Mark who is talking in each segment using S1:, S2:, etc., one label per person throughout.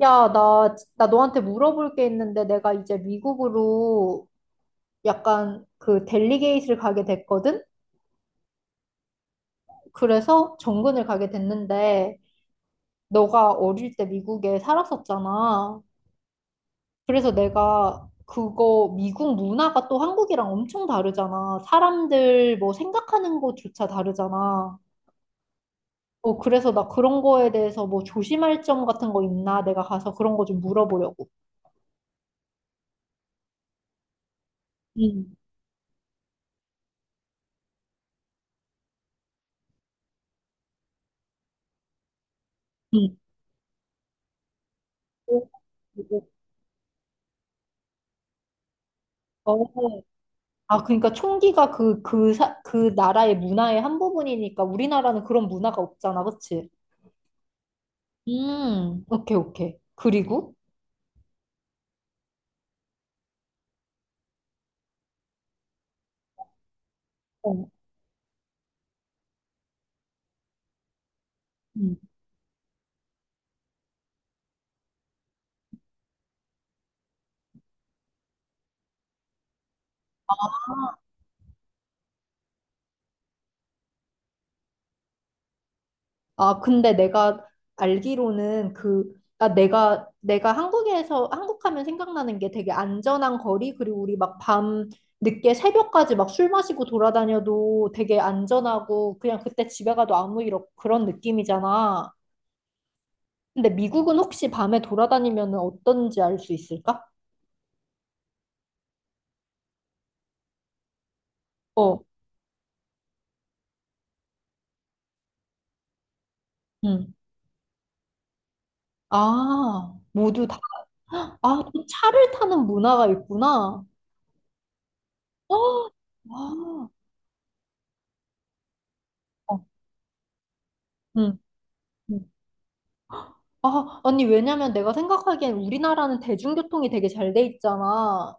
S1: 야, 나 너한테 물어볼 게 있는데 내가 이제 미국으로 약간 그 델리게이트를 가게 됐거든? 그래서 정근을 가게 됐는데 너가 어릴 때 미국에 살았었잖아. 그래서 내가 그거 미국 문화가 또 한국이랑 엄청 다르잖아. 사람들 뭐 생각하는 것조차 다르잖아. 어, 그래서 나 그런 거에 대해서 뭐 조심할 점 같은 거 있나? 내가 가서 그런 거 좀 물어보려고. 응, 응. 어, 어, 어. 아, 그러니까 총기가 그 나라의 문화의 한 부분이니까 우리나라는 그런 문화가 없잖아, 그치? 오케이, 오케이. 그리고? 어, 음. 아, 근데 내가 알기로는 그, 아, 내가 한국 하면 생각나는 게 되게 안전한 거리, 그리고 우리 막 밤 늦게 새벽까지 막 술 마시고 돌아다녀도 되게 안전하고, 그냥 그때 집에 가도 그런 느낌이잖아. 근데 미국은 혹시 밤에 돌아다니면 어떤지 알 수 있을까? 어. 응. 아, 모두 다. 헉, 아, 또 차를 타는 문화가 있구나. 어, 아, 어, 응. 응. 아, 아니, 왜냐면 내가 생각하기엔 우리나라는 대중교통이 되게 잘 돼 있잖아.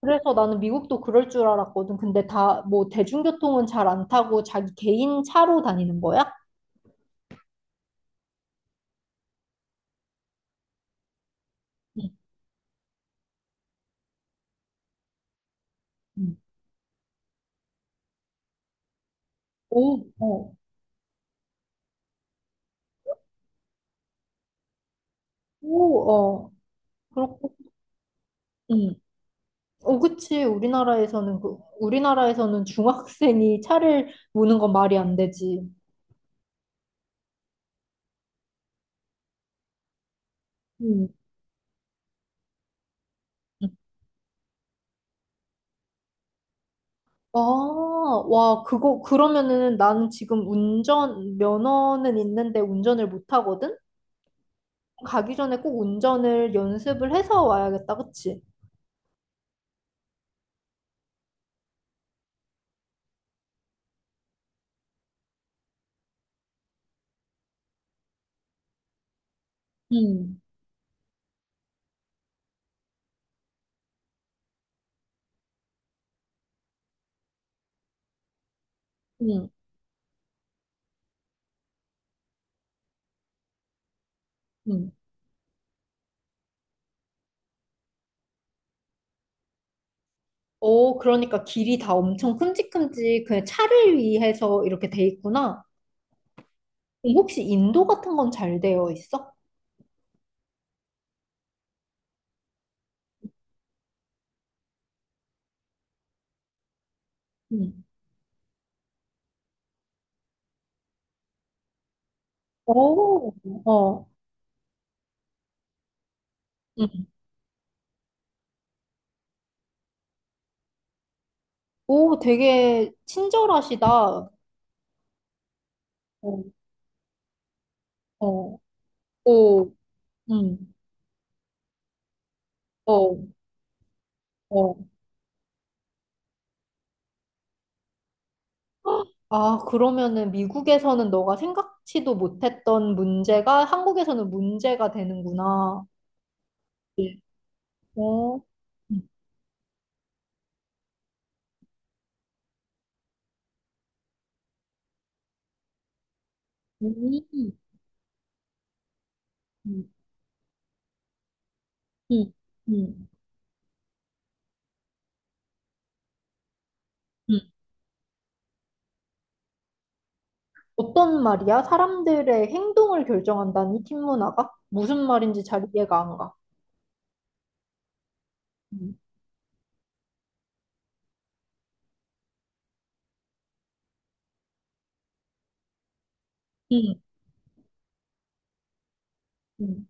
S1: 그래서 나는 미국도 그럴 줄 알았거든. 근데 다, 뭐, 대중교통은 잘 안 타고 자기 개인 차로 다니는 거야? 응. 응. 오, 어, 오, 어. 그렇고, 응. 어, 그치. 우리나라에서는, 그, 우리나라에서는 중학생이 차를 모는 건 말이 안 되지. 음. 아, 와, 그거, 그러면은 나는 지금 운전, 면허는 있는데 운전을 못 하거든? 가기 전에 꼭 운전을 연습을 해서 와야겠다, 그치? 음, 응, 응. 오, 그러니까 길이 다 엄청 큼직큼직 그냥 차를 위해서 이렇게 돼 있구나. 그럼 혹시 인도 같은 건 잘 되어 있어? 음. 오, 어, 응. 오, 되게 친절하시다. 어, 어, 오, 응, 어, 어. 아, 그러면은 미국에서는 너가 생각지도 못했던 문제가 한국에서는 문제가 되는구나. 네. 어. 음. 음. 음. 음. 음. 음. 어떤 말이야? 사람들의 행동을 결정한다니, 팀 문화가? 무슨 말인지 잘 이해가 안 가. 음. 음. 음.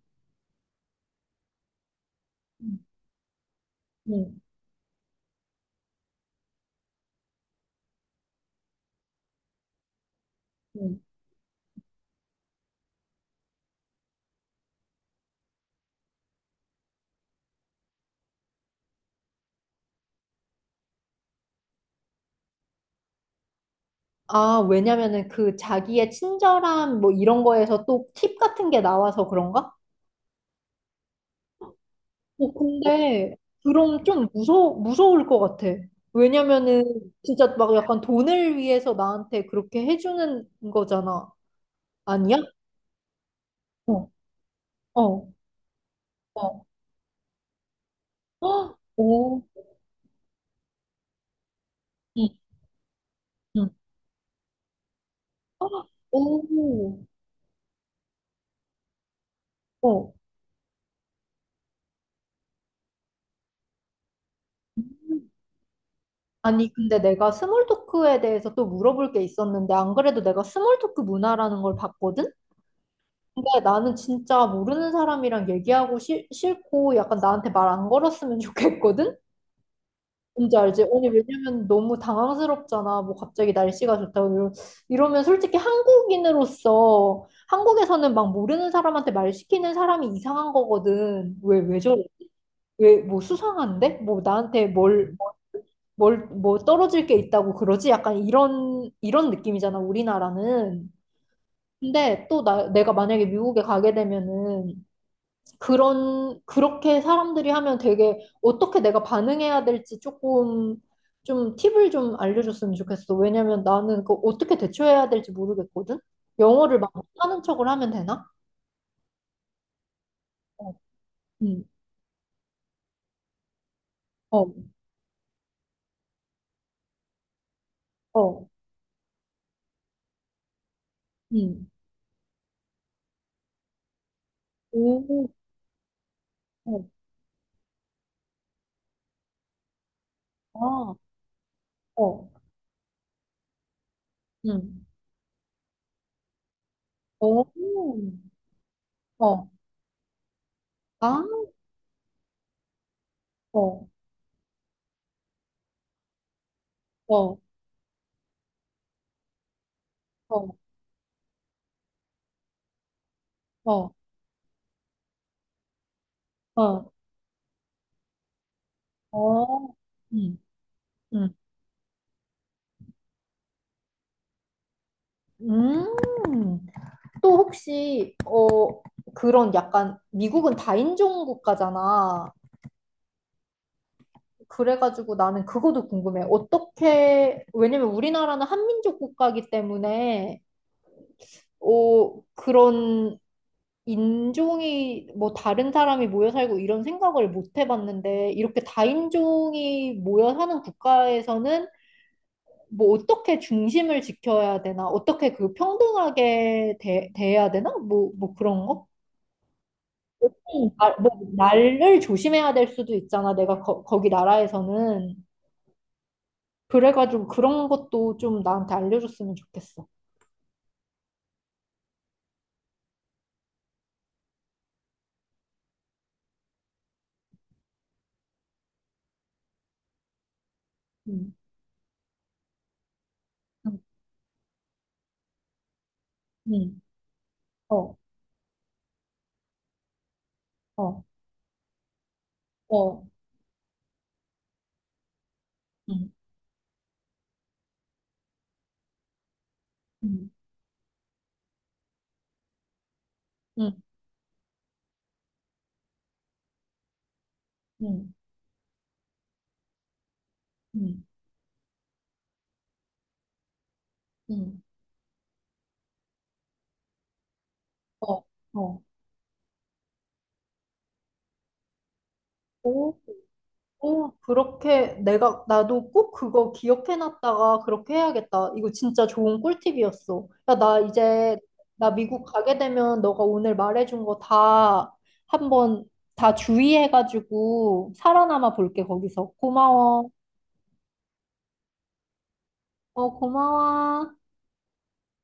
S1: 음. 음. 음. 아, 왜냐면은 그 자기의 친절함 뭐 이런 거에서 또 팁 같은 게 나와서 그런가? 어, 근데 그럼 좀 무서울 것 같아. 왜냐면은 진짜 막 약간 돈을 위해서 나한테 그렇게 해주는 거잖아. 아니야? 어, 어, 어, 헉, 오, 응, 응, 헉, 오, 어. 아니 근데 내가 스몰 토크에 대해서 또 물어볼 게 있었는데 안 그래도 내가 스몰 토크 문화라는 걸 봤거든? 근데 나는 진짜 모르는 사람이랑 얘기하고 싫고 약간 나한테 말 안 걸었으면 좋겠거든? 뭔지 알지? 아니, 왜냐면 너무 당황스럽잖아. 뭐 갑자기 날씨가 좋다고. 이러면 솔직히 한국인으로서 한국에서는 막 모르는 사람한테 말 시키는 사람이 이상한 거거든. 왜 저래? 왜, 뭐 수상한데? 뭐 나한테 뭘, 뭐 떨어질 게 있다고 그러지? 약간 이런 느낌이잖아, 우리나라는. 근데 또 내가 만약에 미국에 가게 되면은 그렇게 사람들이 하면 되게 어떻게 내가 반응해야 될지 조금 좀 팁을 좀 알려줬으면 좋겠어. 왜냐면 나는 그 어떻게 대처해야 될지 모르겠거든? 영어를 막 하는 척을 하면 되나? 어, 음, 어, 어, 음, 오, 어, 아, 어, 음, 어, 어, 아, 어, 어, 어, 어, 어, 어, 음, 음, 음. 또 혹시 어 그런 약간 미국은 다인종 국가잖아. 그래가지고 나는 그것도 궁금해. 어떻게 왜냐면 우리나라는 한민족 국가이기 때문에 어 그런 인종이 뭐 다른 사람이 모여 살고 이런 생각을 못 해봤는데 이렇게 다인종이 모여 사는 국가에서는 뭐 어떻게 중심을 지켜야 되나? 어떻게 그 평등하게 대해야 되나? 뭐 뭐 그런 거? 아, 뭐 날을 조심해야 될 수도 있잖아. 내가 거기 나라에서는 그래가지고 그런 것도 좀 나한테 알려줬으면 좋겠어. 응, 응, 응, 어, 어, 어, 응, 응, 응, 응, 응, 응, 어, 어. 오, 그렇게 내가, 나도 꼭 그거 기억해놨다가 그렇게 해야겠다. 이거 진짜 좋은 꿀팁이었어. 야, 나 이제, 나 미국 가게 되면 너가 오늘 말해준 거 다 한번 다 주의해가지고 살아남아 볼게, 거기서. 고마워. 어, 고마워.